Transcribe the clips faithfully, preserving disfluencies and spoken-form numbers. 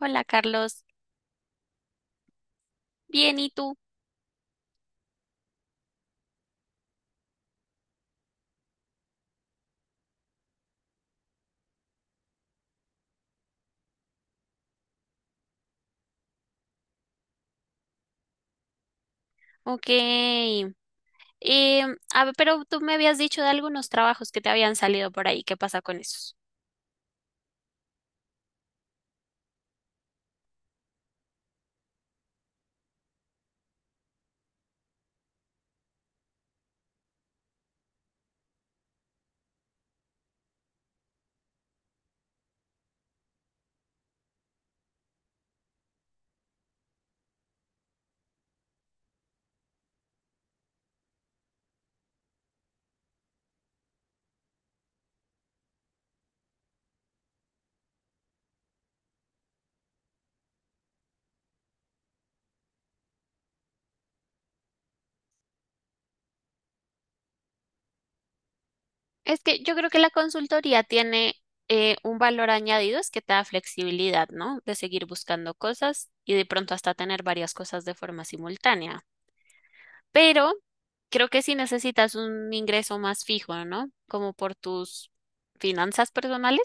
Hola Carlos, bien, ¿y tú? Ok. Em, a ver, pero tú me habías dicho de algunos trabajos que te habían salido por ahí. ¿Qué pasa con esos? Es que yo creo que la consultoría tiene eh, un valor añadido, es que te da flexibilidad, ¿no? De seguir buscando cosas y de pronto hasta tener varias cosas de forma simultánea. Pero creo que sí necesitas un ingreso más fijo, ¿no? Como por tus finanzas personales.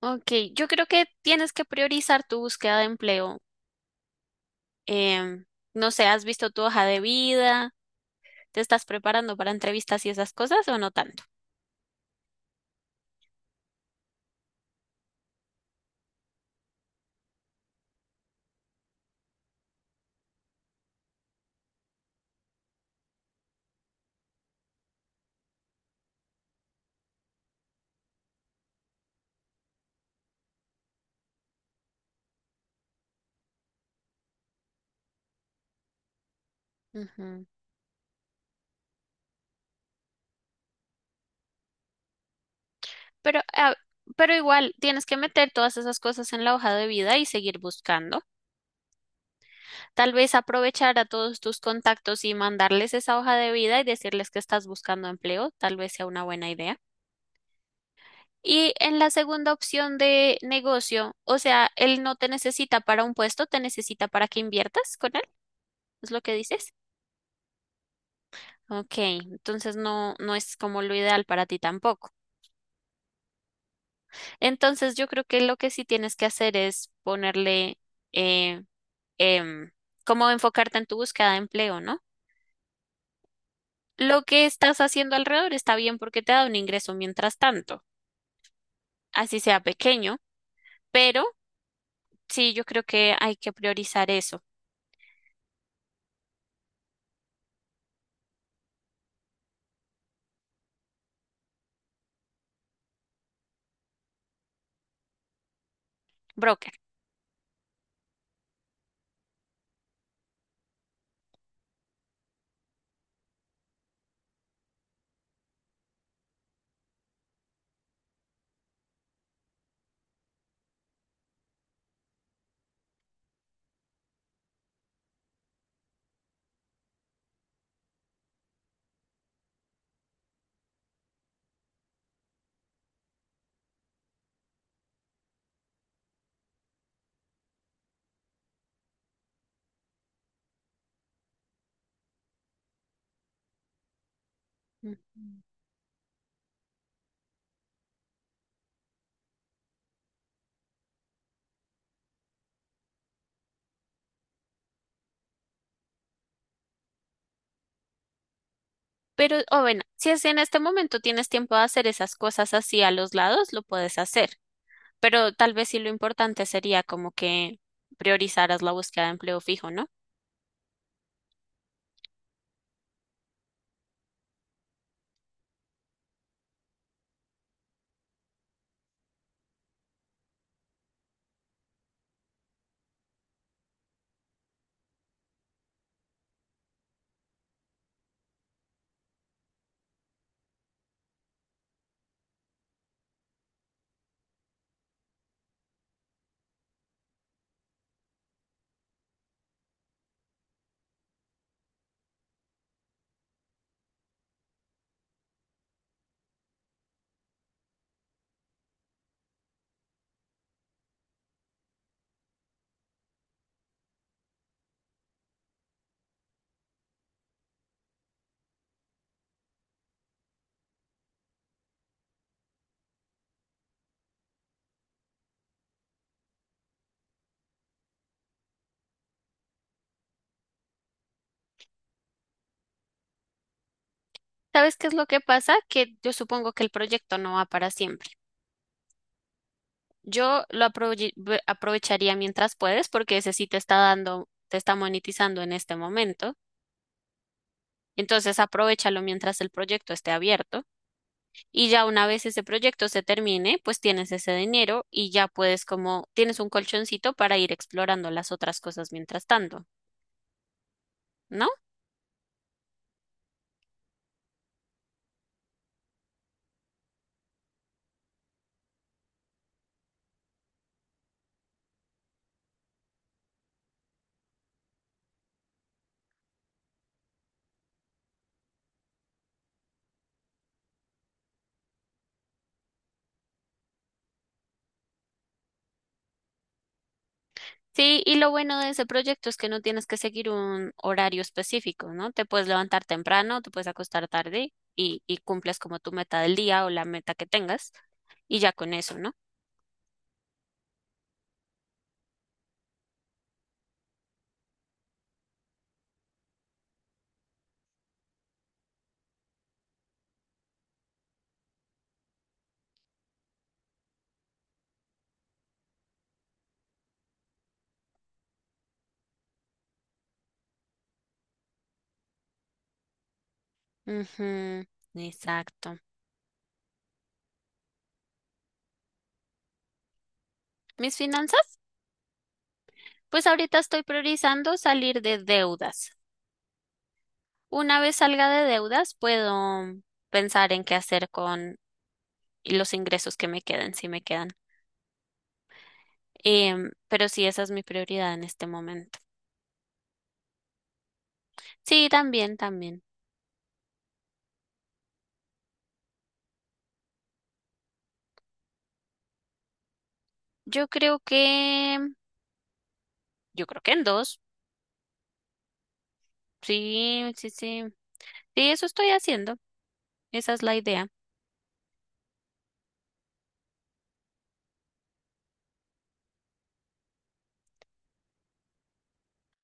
Ok, yo creo que tienes que priorizar tu búsqueda de empleo. Em, no sé, ¿has visto tu hoja de vida? ¿Te estás preparando para entrevistas y esas cosas o no tanto? Ujú. Pero, ah, pero igual tienes que meter todas esas cosas en la hoja de vida y seguir buscando. Tal vez aprovechar a todos tus contactos y mandarles esa hoja de vida y decirles que estás buscando empleo, tal vez sea una buena idea. Y en la segunda opción de negocio, o sea, él no te necesita para un puesto, te necesita para que inviertas con él, es lo que dices. Ok, entonces no, no es como lo ideal para ti tampoco. Entonces yo creo que lo que sí tienes que hacer es ponerle eh, em, cómo enfocarte en tu búsqueda de empleo, ¿no? Lo que estás haciendo alrededor está bien porque te da un ingreso mientras tanto, así sea pequeño, pero sí, yo creo que hay que priorizar eso. Broker. Ujú. Pero, o bueno, si es en este momento tienes tiempo de hacer esas cosas así a los lados, lo puedes hacer. Pero tal vez sí lo importante sería como que priorizaras la búsqueda de empleo fijo, ¿no? ¿Sabes qué es lo que pasa? Que yo supongo que el proyecto no va para siempre. Yo lo aprovi- ve- aprovecharía mientras puedes porque ese sí te está dando, te está monetizando en este momento. Entonces, aprovéchalo mientras el proyecto esté abierto y ya una vez ese proyecto se termine, pues tienes ese dinero y ya puedes, como, tienes un colchoncito para ir explorando las otras cosas mientras tanto, ¿no? Sí, y lo bueno de ese proyecto es que no tienes que seguir un horario específico, ¿no? Te puedes levantar temprano, te puedes acostar tarde y, y cumples como tu meta del día o la meta que tengas y ya con eso, ¿no? Ujú, exacto. Mis finanzas, pues ahorita estoy priorizando salir de deudas. Una vez salga de deudas, puedo pensar en qué hacer con los ingresos que me queden, si me quedan. Em, pero sí, esa es mi prioridad en este momento. Sí, también, también. Yo creo que, yo creo que en dos. Sí, sí, sí. Sí, eso estoy haciendo. Esa es la idea.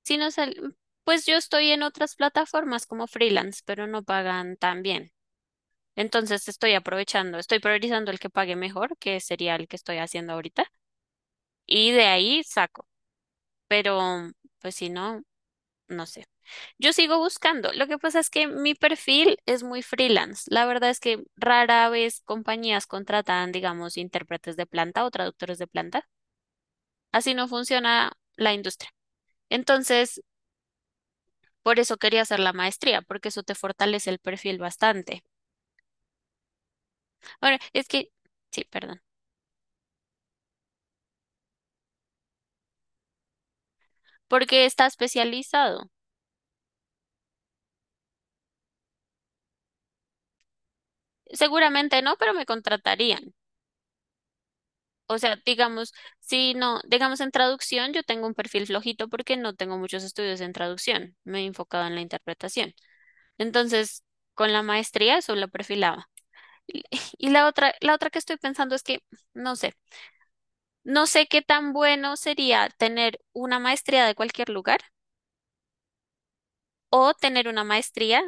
Si no sal- Pues yo estoy en otras plataformas como freelance, pero no pagan tan bien. Entonces estoy aprovechando, estoy priorizando el que pague mejor, que sería el que estoy haciendo ahorita, y de ahí saco. Pero, pues si no, no sé. Yo sigo buscando. Lo que pasa es que mi perfil es muy freelance. La verdad es que rara vez compañías contratan, digamos, intérpretes de planta o traductores de planta. Así no funciona la industria. Entonces, por eso quería hacer la maestría, porque eso te fortalece el perfil bastante. Bueno, es que, sí, perdón, porque está especializado. Seguramente no, pero me contratarían. O sea, digamos, si no, digamos en traducción, yo tengo un perfil flojito porque no tengo muchos estudios en traducción, me he enfocado en la interpretación. Entonces, con la maestría eso lo perfilaba. Y y la otra, la otra que estoy pensando es que, no sé, no sé qué tan bueno sería tener una maestría de cualquier lugar o tener una maestría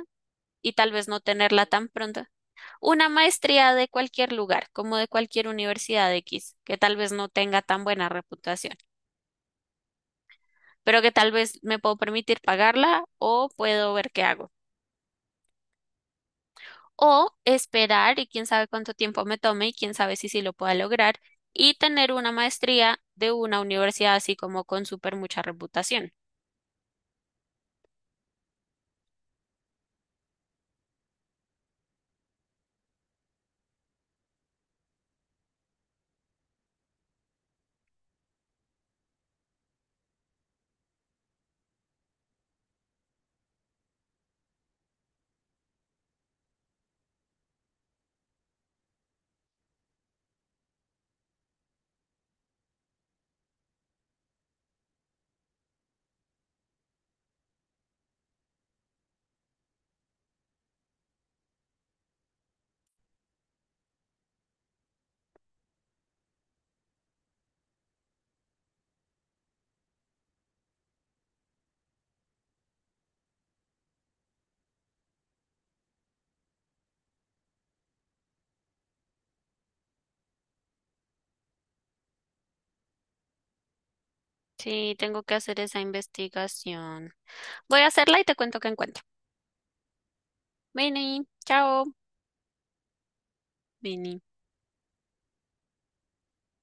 y tal vez no tenerla tan pronto. Una maestría de cualquier lugar, como de cualquier universidad X, que tal vez no tenga tan buena reputación, pero que tal vez me puedo permitir pagarla o puedo ver qué hago. O esperar y quién sabe cuánto tiempo me tome y quién sabe si sí lo pueda lograr y tener una maestría de una universidad así como con súper mucha reputación. Sí, tengo que hacer esa investigación. Voy a hacerla y te cuento qué encuentro. Vini, chao. Vini.